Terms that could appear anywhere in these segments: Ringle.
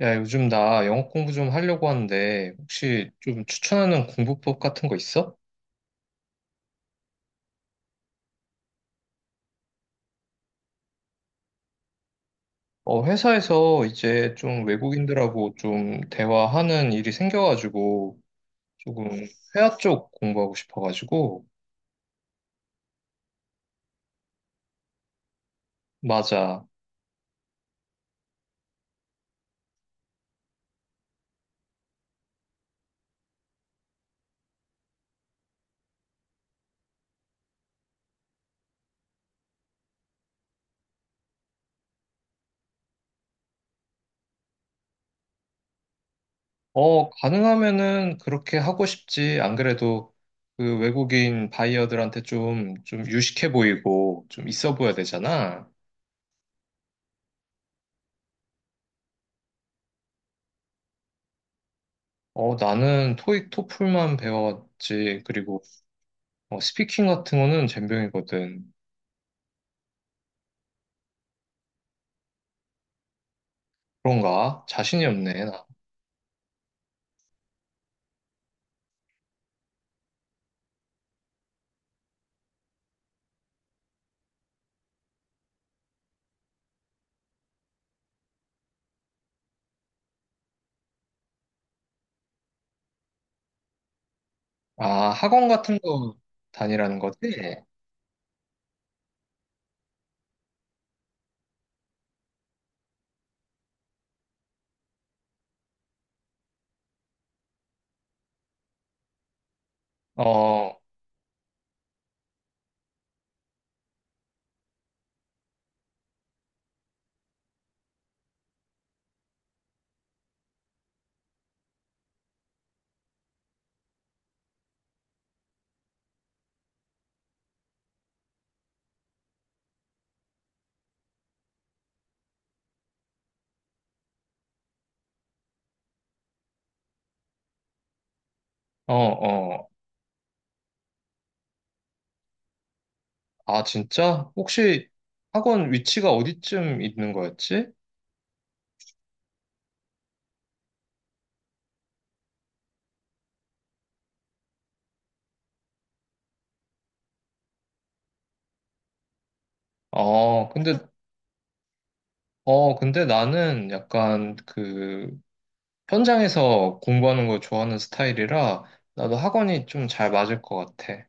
야, 요즘 나 영어 공부 좀 하려고 하는데, 혹시 좀 추천하는 공부법 같은 거 있어? 어, 회사에서 이제 좀 외국인들하고 좀 대화하는 일이 생겨가지고, 조금 회화 쪽 공부하고 싶어가지고, 맞아. 가능하면은 그렇게 하고 싶지. 안 그래도 그 외국인 바이어들한테 좀, 유식해 보이고, 좀 있어 보여야 되잖아. 어, 나는 토익, 토플만 배웠지. 그리고 스피킹 같은 거는 젬병이거든. 그런가? 자신이 없네, 나. 아, 학원 같은 거 다니라는 거지? 어, 어, 어. 아, 진짜? 혹시 학원 위치가 어디쯤 있는 거였지? 어, 근데 나는 약간 그 현장에서 공부하는 걸 좋아하는 스타일이라 나도 학원이 좀 잘 맞을 것 같아.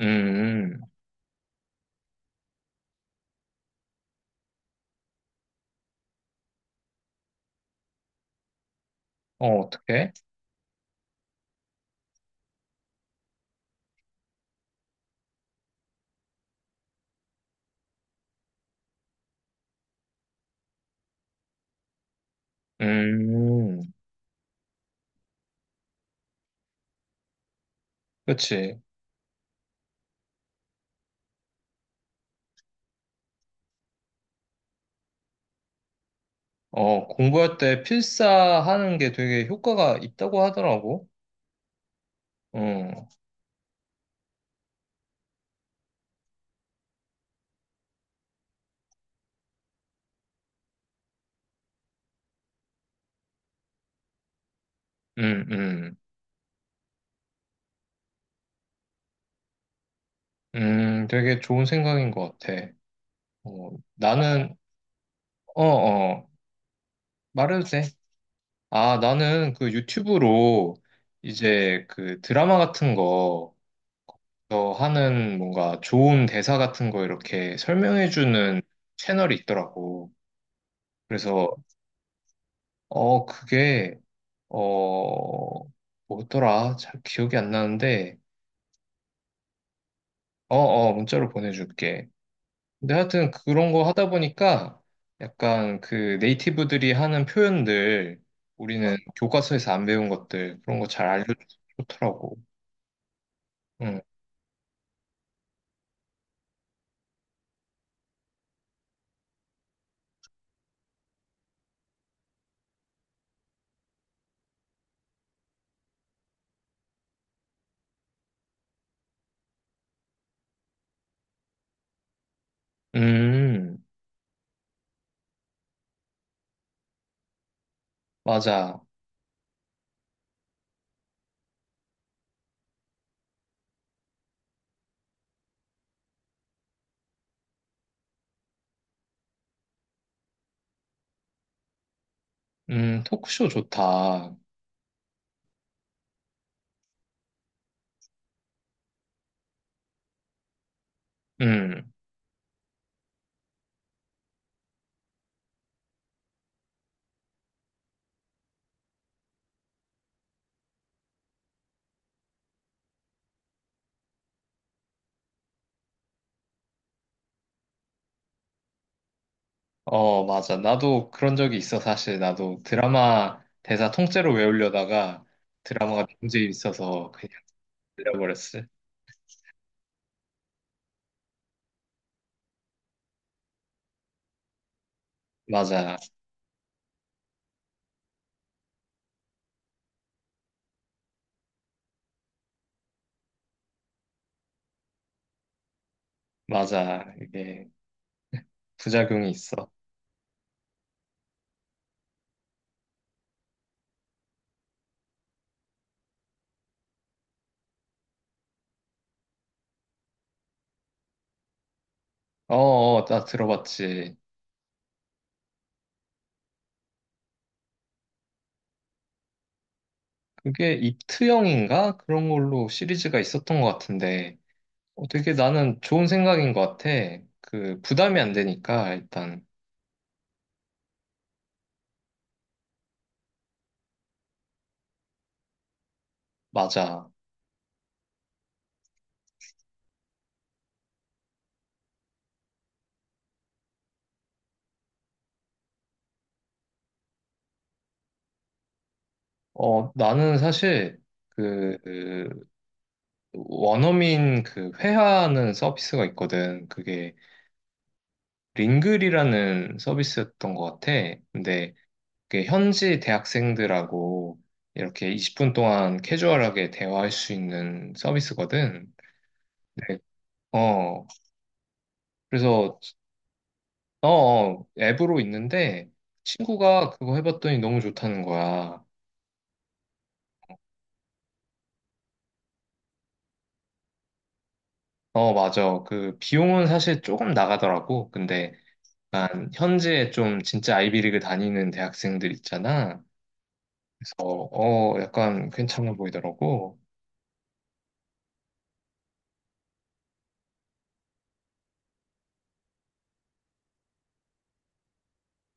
음, 음. 어, 어떡해? 음, 그치. 어, 공부할 때 필사하는 게 되게 효과가 있다고 하더라고. 어. 음, 음, 되게 좋은 생각인 것 같아. 어, 나는, 어, 어, 말해도 돼. 아, 나는 그 유튜브로 이제 그 드라마 같은 거, 어, 하는 뭔가 좋은 대사 같은 거 이렇게 설명해주는 채널이 있더라고. 그래서, 어, 그게, 어, 뭐더라? 잘 기억이 안 나는데, 어, 어, 문자로 보내줄게. 근데 하여튼 그런 거 하다 보니까 약간 그 네이티브들이 하는 표현들 우리는 교과서에서 안 배운 것들 그런 거 잘 알려줘서 좋더라고. 응. 음, 맞아. 토크쇼 좋다. 음, 어, 맞아. 나도 그런 적이 있어, 사실. 나도 드라마 대사 통째로 외우려다가 드라마가 문제 있어서 그냥 들려버렸어. 맞아, 맞아. 이게 부작용이 있어. 어, 어, 나 들어봤지. 그게 입트형인가? 그런 걸로 시리즈가 있었던 것 같은데, 어, 되게 나는 좋은 생각인 것 같아. 그, 부담이 안 되니까, 일단, 맞아. 나는 사실, 그 원어민 그 회화하는 서비스가 있거든. 그게 링글이라는 서비스였던 것 같아. 근데, 그게 현지 대학생들하고 이렇게 20분 동안 캐주얼하게 대화할 수 있는 서비스거든. 네. 어, 그래서 어, 어, 앱으로 있는데 친구가 그거 해봤더니 너무 좋다는 거야. 어, 맞아. 그 비용은 사실 조금 나가더라고. 근데 약간 현지에 좀 진짜 아이비리그 다니는 대학생들 있잖아. 그래서 어, 약간 괜찮아 보이더라고.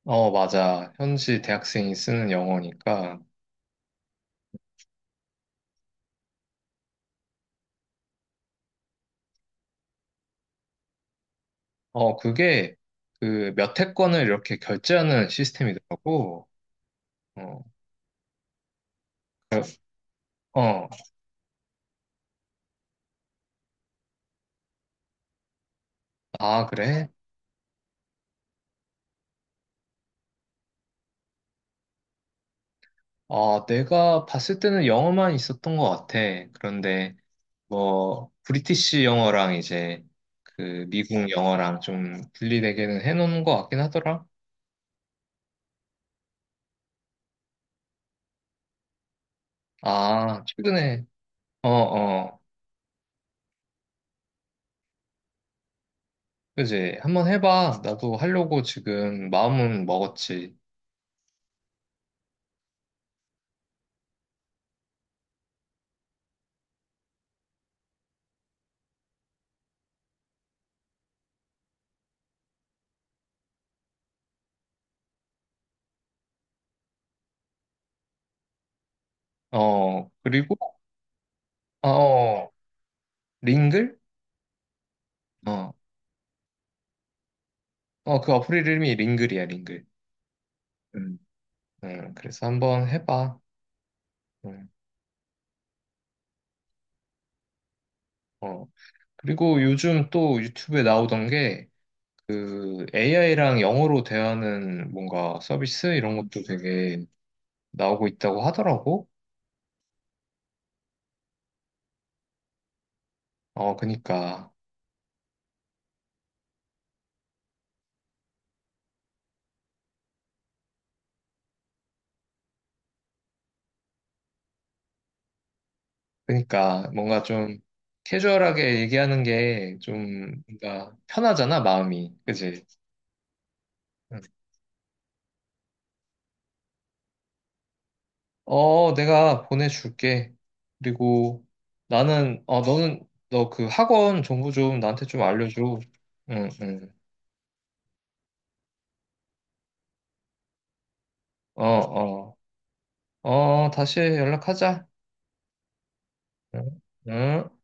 어, 맞아. 현지 대학생이 쓰는 영어니까. 어, 그게 그 몇 회권을 이렇게 결제하는 시스템이더라고. 어, 그, 어, 아, 그래? 아, 내가 봤을 때는 영어만 있었던 것 같아. 그런데 뭐 브리티시 영어랑 이제 그 미국 영어랑 좀 분리되게는 해놓은 것 같긴 하더라. 아, 최근에 어, 어, 그지. 한번 해봐. 나도 하려고 지금 마음은 먹었지. 어, 그리고 어, 어, 링글? 어, 어, 그 어플 이름이 링글이야, 링글. 음, 그래서 한번 해봐. 음, 어. 그리고 요즘 또 유튜브에 나오던 게 그 AI랑 영어로 대하는 뭔가 서비스 이런 것도 되게 나오고 있다고 하더라고. 어, 그니까. 그니까 뭔가 좀 캐주얼하게 얘기하는 게 좀 뭔가 편하잖아, 마음이. 그지? 응. 어, 내가 보내줄게. 그리고 나는, 어, 너는, 너 그 학원 정보 좀 나한테 좀 알려줘. 응, 응. 어, 어. 어, 다시 연락하자. 응, 응.